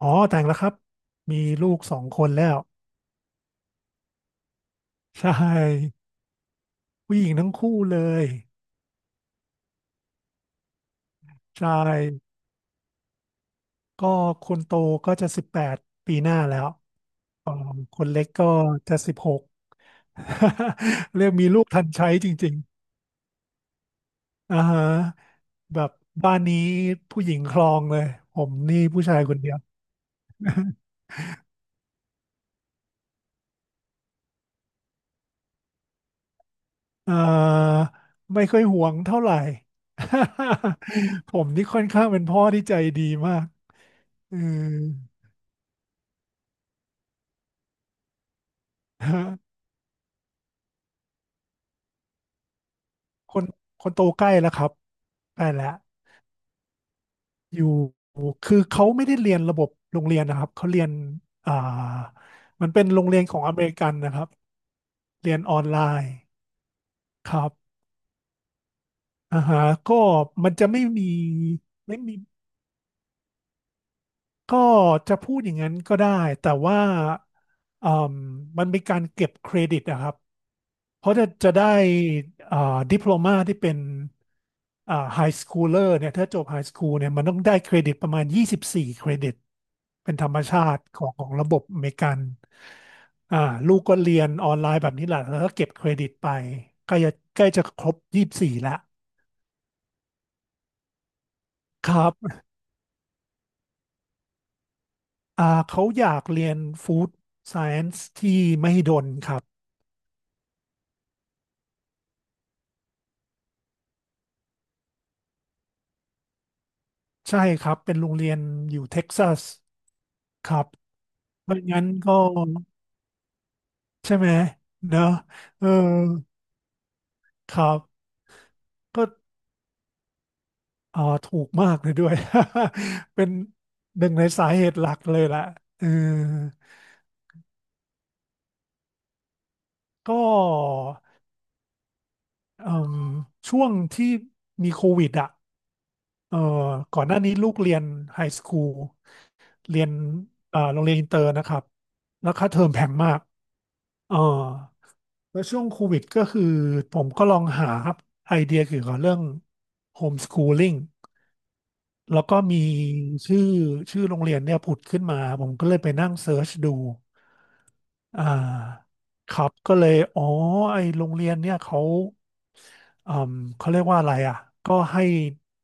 อ๋อแต่งแล้วครับมีลูกสองคนแล้วใช่ผู้หญิงทั้งคู่เลยใช่ก็คนโตก็จะ18ปีหน้าแล้วคนเล็กก็จะ16 เรียกมีลูกทันใช้จริงๆอ่าฮะแบบบ้านนี้ผู้หญิงคลองเลยผมนี่ผู้ชายคนเดียวเอ่อไม่ค่อยห่วงเท่าไหร่ ผมนี่ค่อนข้างเป็นพ่อที่ใจดีมากเออ คนคนโตใกล้แล้วครับใกล้แล้วอยู่คือเขาไม่ได้เรียนระบบโรงเรียนนะครับเขาเรียนอ่ามันเป็นโรงเรียนของอเมริกันนะครับเรียนออนไลน์ครับอ่าฮะก็มันจะไม่มีไม่มีก็จะพูดอย่างนั้นก็ได้แต่ว่าอ่มมันเป็นการเก็บเครดิตนะครับ เพราะจะได้อ่าดิพโพลมาที่เป็นไฮสคูลเลอร์เนี่ยถ้าจบไฮสคูลเนี่ยมันต้องได้เครดิตประมาณ24เครดิตเป็นธรรมชาติของของระบบอเมริกันอ่าลูกก็เรียนออนไลน์แบบนี้แหละแล้วก็เก็บเครดิตไปใกล้จะครบ24แล้วครับเขาอยากเรียนฟู้ดไซเอน c ์ที่มหิดลครับใช่ครับเป็นโรงเรียนอยู่เท็กซัสครับไม่งั้นก็ใช่ไหมเนอะเออ ครับก็อ๋อถูกมากเลยด้วย เป็นหนึ่งในสาเหตุหลักเลยแหละเออก็เอิ่มช่วงที่มีโควิดอ่ะเออก่อนหน้านี้ลูกเรียนไฮสคูลเรียนโรงเรียนอินเตอร์นะครับแล้วค่าเทอมแพงมากเออแล้วช่วงโควิดก็คือผมก็ลองหาไอเดียเกี่ยวกับเรื่องโฮมสคูลิ่ง แล้วก็มีชื่อชื่อโรงเรียนเนี่ยผุดขึ้นมาผมก็เลยไปนั่งเซิร์ชดูอ่าครับก็เลยอ๋อไอโรงเรียนเนี่ยเขาอืมเขาเรียกว่าอะไรอ่ะก็ให้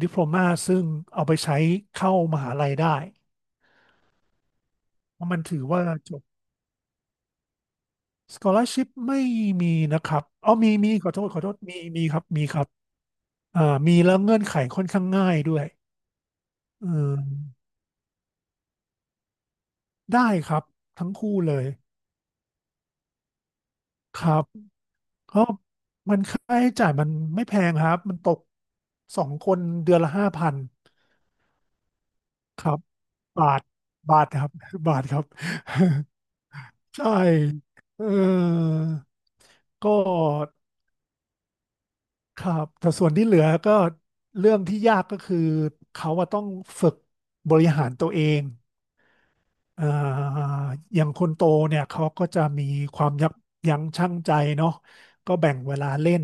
ดิโพลมาซึ่งเอาไปใช้เข้ามหาลัยได้เพราะมันถือว่าจบ scholarship ไม่มีนะครับอ๋อมีขอโทษขอโทษมีครับมีครับอ่ามีแล้วเงื่อนไขค่อนข้างง่ายด้วยเออได้ครับทั้งคู่เลยครับ ก็มันค่าใช้จ่ายมันไม่แพงครับ มันตกสองคนเดือนละ5,000ครับบาทบาทครับ บาทครับ ใช่เออ ก็ครับแต่ส่วนที่เหลือก็เรื่องที่ยากก็คือเขาว่าต้องฝึกบริหารตัวเอง อ่าอย่างคนโตเนี่ยเขาก็จะมีความยับยั้งชั่งใจเนาะก็แบ่งเวลาเล่น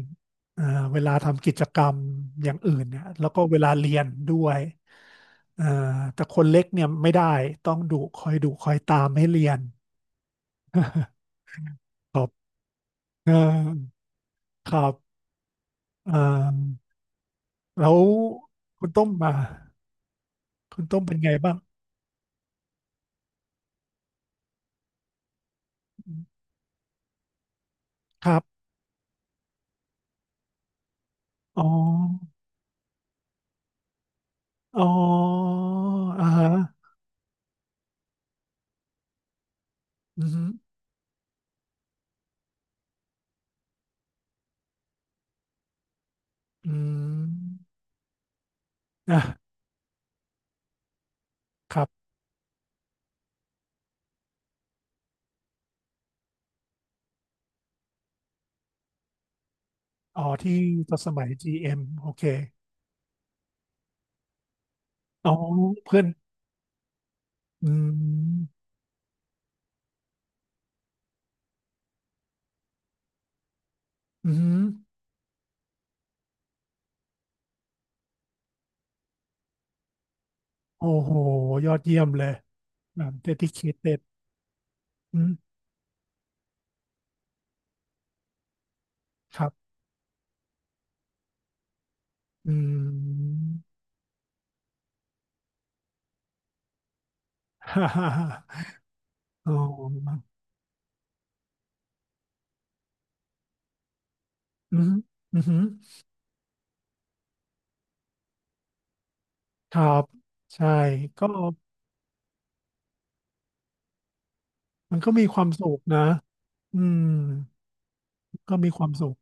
อ่าเวลาทำกิจกรรมอย่างอื่นเนี่ยแล้วก็เวลาเรียนด้วยอ่าแต่คนเล็กเนี่ยไม่ได้ต้องคอยดุคอยตามให้เรียน ครับเออครับอ่าแล้วคุณต้มมาคุณต้มเป็นไงบ้างครับอ๋ออ๋ออ่าฮะอืมอืมอ่ะครับ อ๋อที่ตอนสมัย GM โอเคอ๋อเพื่อนอืมอืมโอ้โหยอดเยี่ยมเลยอ่าเดดิเคทเต็ดอืมครับอืม ฮ่าฮ่าฮ่าอ๋ออืมอืมครับใช่ก็มันก็มีความสุขนะอืมก็มีความสุข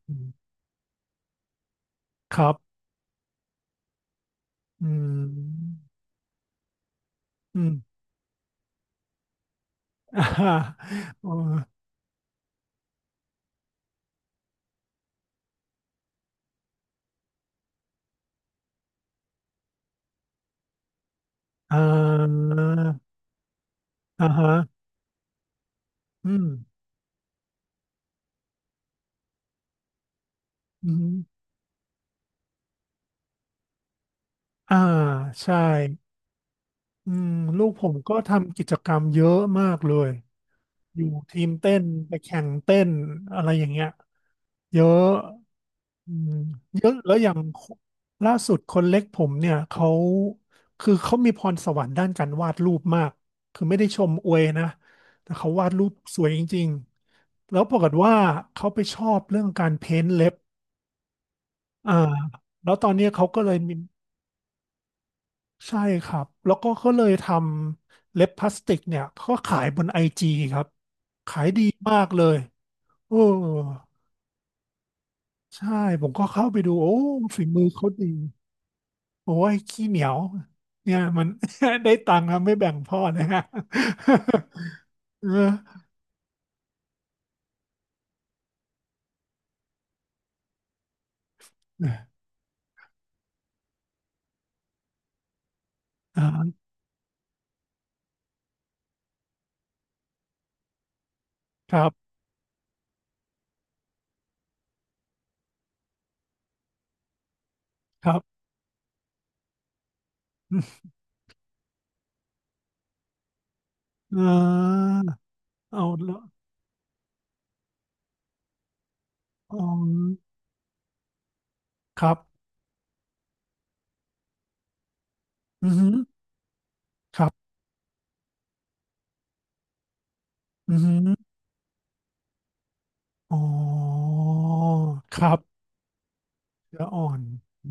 ครับอืมอืม อ่าฮ่าอ๋ออ่าอ่าฮะอืมอืม อ่าใช่อืมลูกผมก็ทำกิจกรรมเยอะมากเลยอยู่ทีมเต้นไปแข่งเต้นอะไรอย่างเงี้ยเยอะอืมเยอะแล้วอย่างล่าสุดคนเล็กผมเนี่ยเขาคือเขามีพรสวรรค์ด้านการวาดรูปมากคือไม่ได้ชมอวยนะแต่เขาวาดรูปสวยจริงๆแล้วปรากฏว่าเขาไปชอบเรื่องการเพ้นท์เล็บอ่าแล้วตอนนี้เขาก็เลยมี ใช่ครับ แล้วก็ก็เลยทำเล็บพลาสติกเนี่ยก็ขายบนไอจีครับ ขายดีมากเลยโอ้ใช่ผมก็เข้าไปดูโอ้ฝีมือเขาดี โอ้ย ขี้เหนียวเนี่ยมัน ได้ตังค์นะไม่แบ่งพ่อนะฮะ เอออ่าครับ ครับ เออเอาละอ๋อครับอือหือครับอือหืออ๋อครับเนื้ออ่อนอื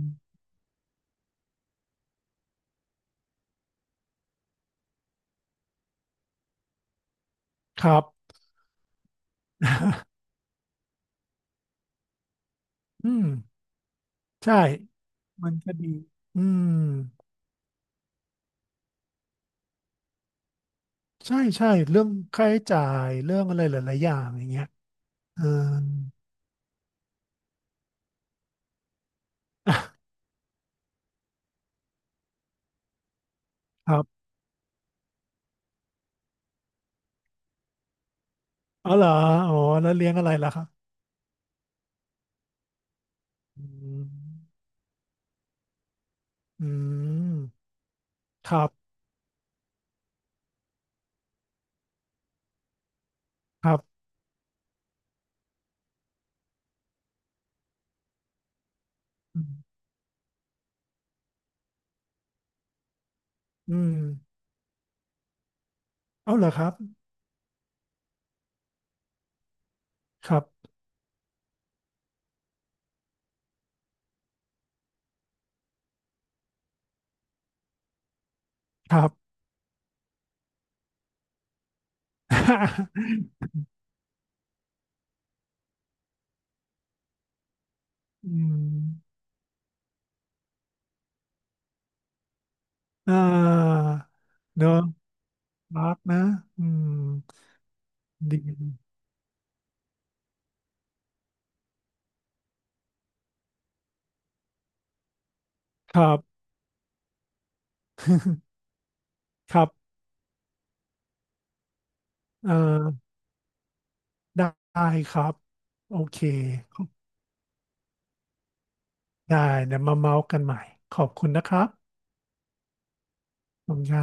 ม ครับ อืมใช่ มันก็ดี อืมใช่ใช่เรื่องค่าใช้จ่ายเรื่องอะไรหลายๆอย่างอย่างเงี้ยเออ อ่ครับอ๋อเหรออ๋อแล้วเลี้ยงอะไรล่ะครับอืมอืมครับครับอืมอืมเอาเหรอครับ ครับ ครับ อืมอ่าเนอะรักนะอืมดีครับ ครับเอ่อ ได้ครับโอเคได้เดี๋ยวมาเมาส์กันใหม่ขอบคุณนะครับขอบคุณครับ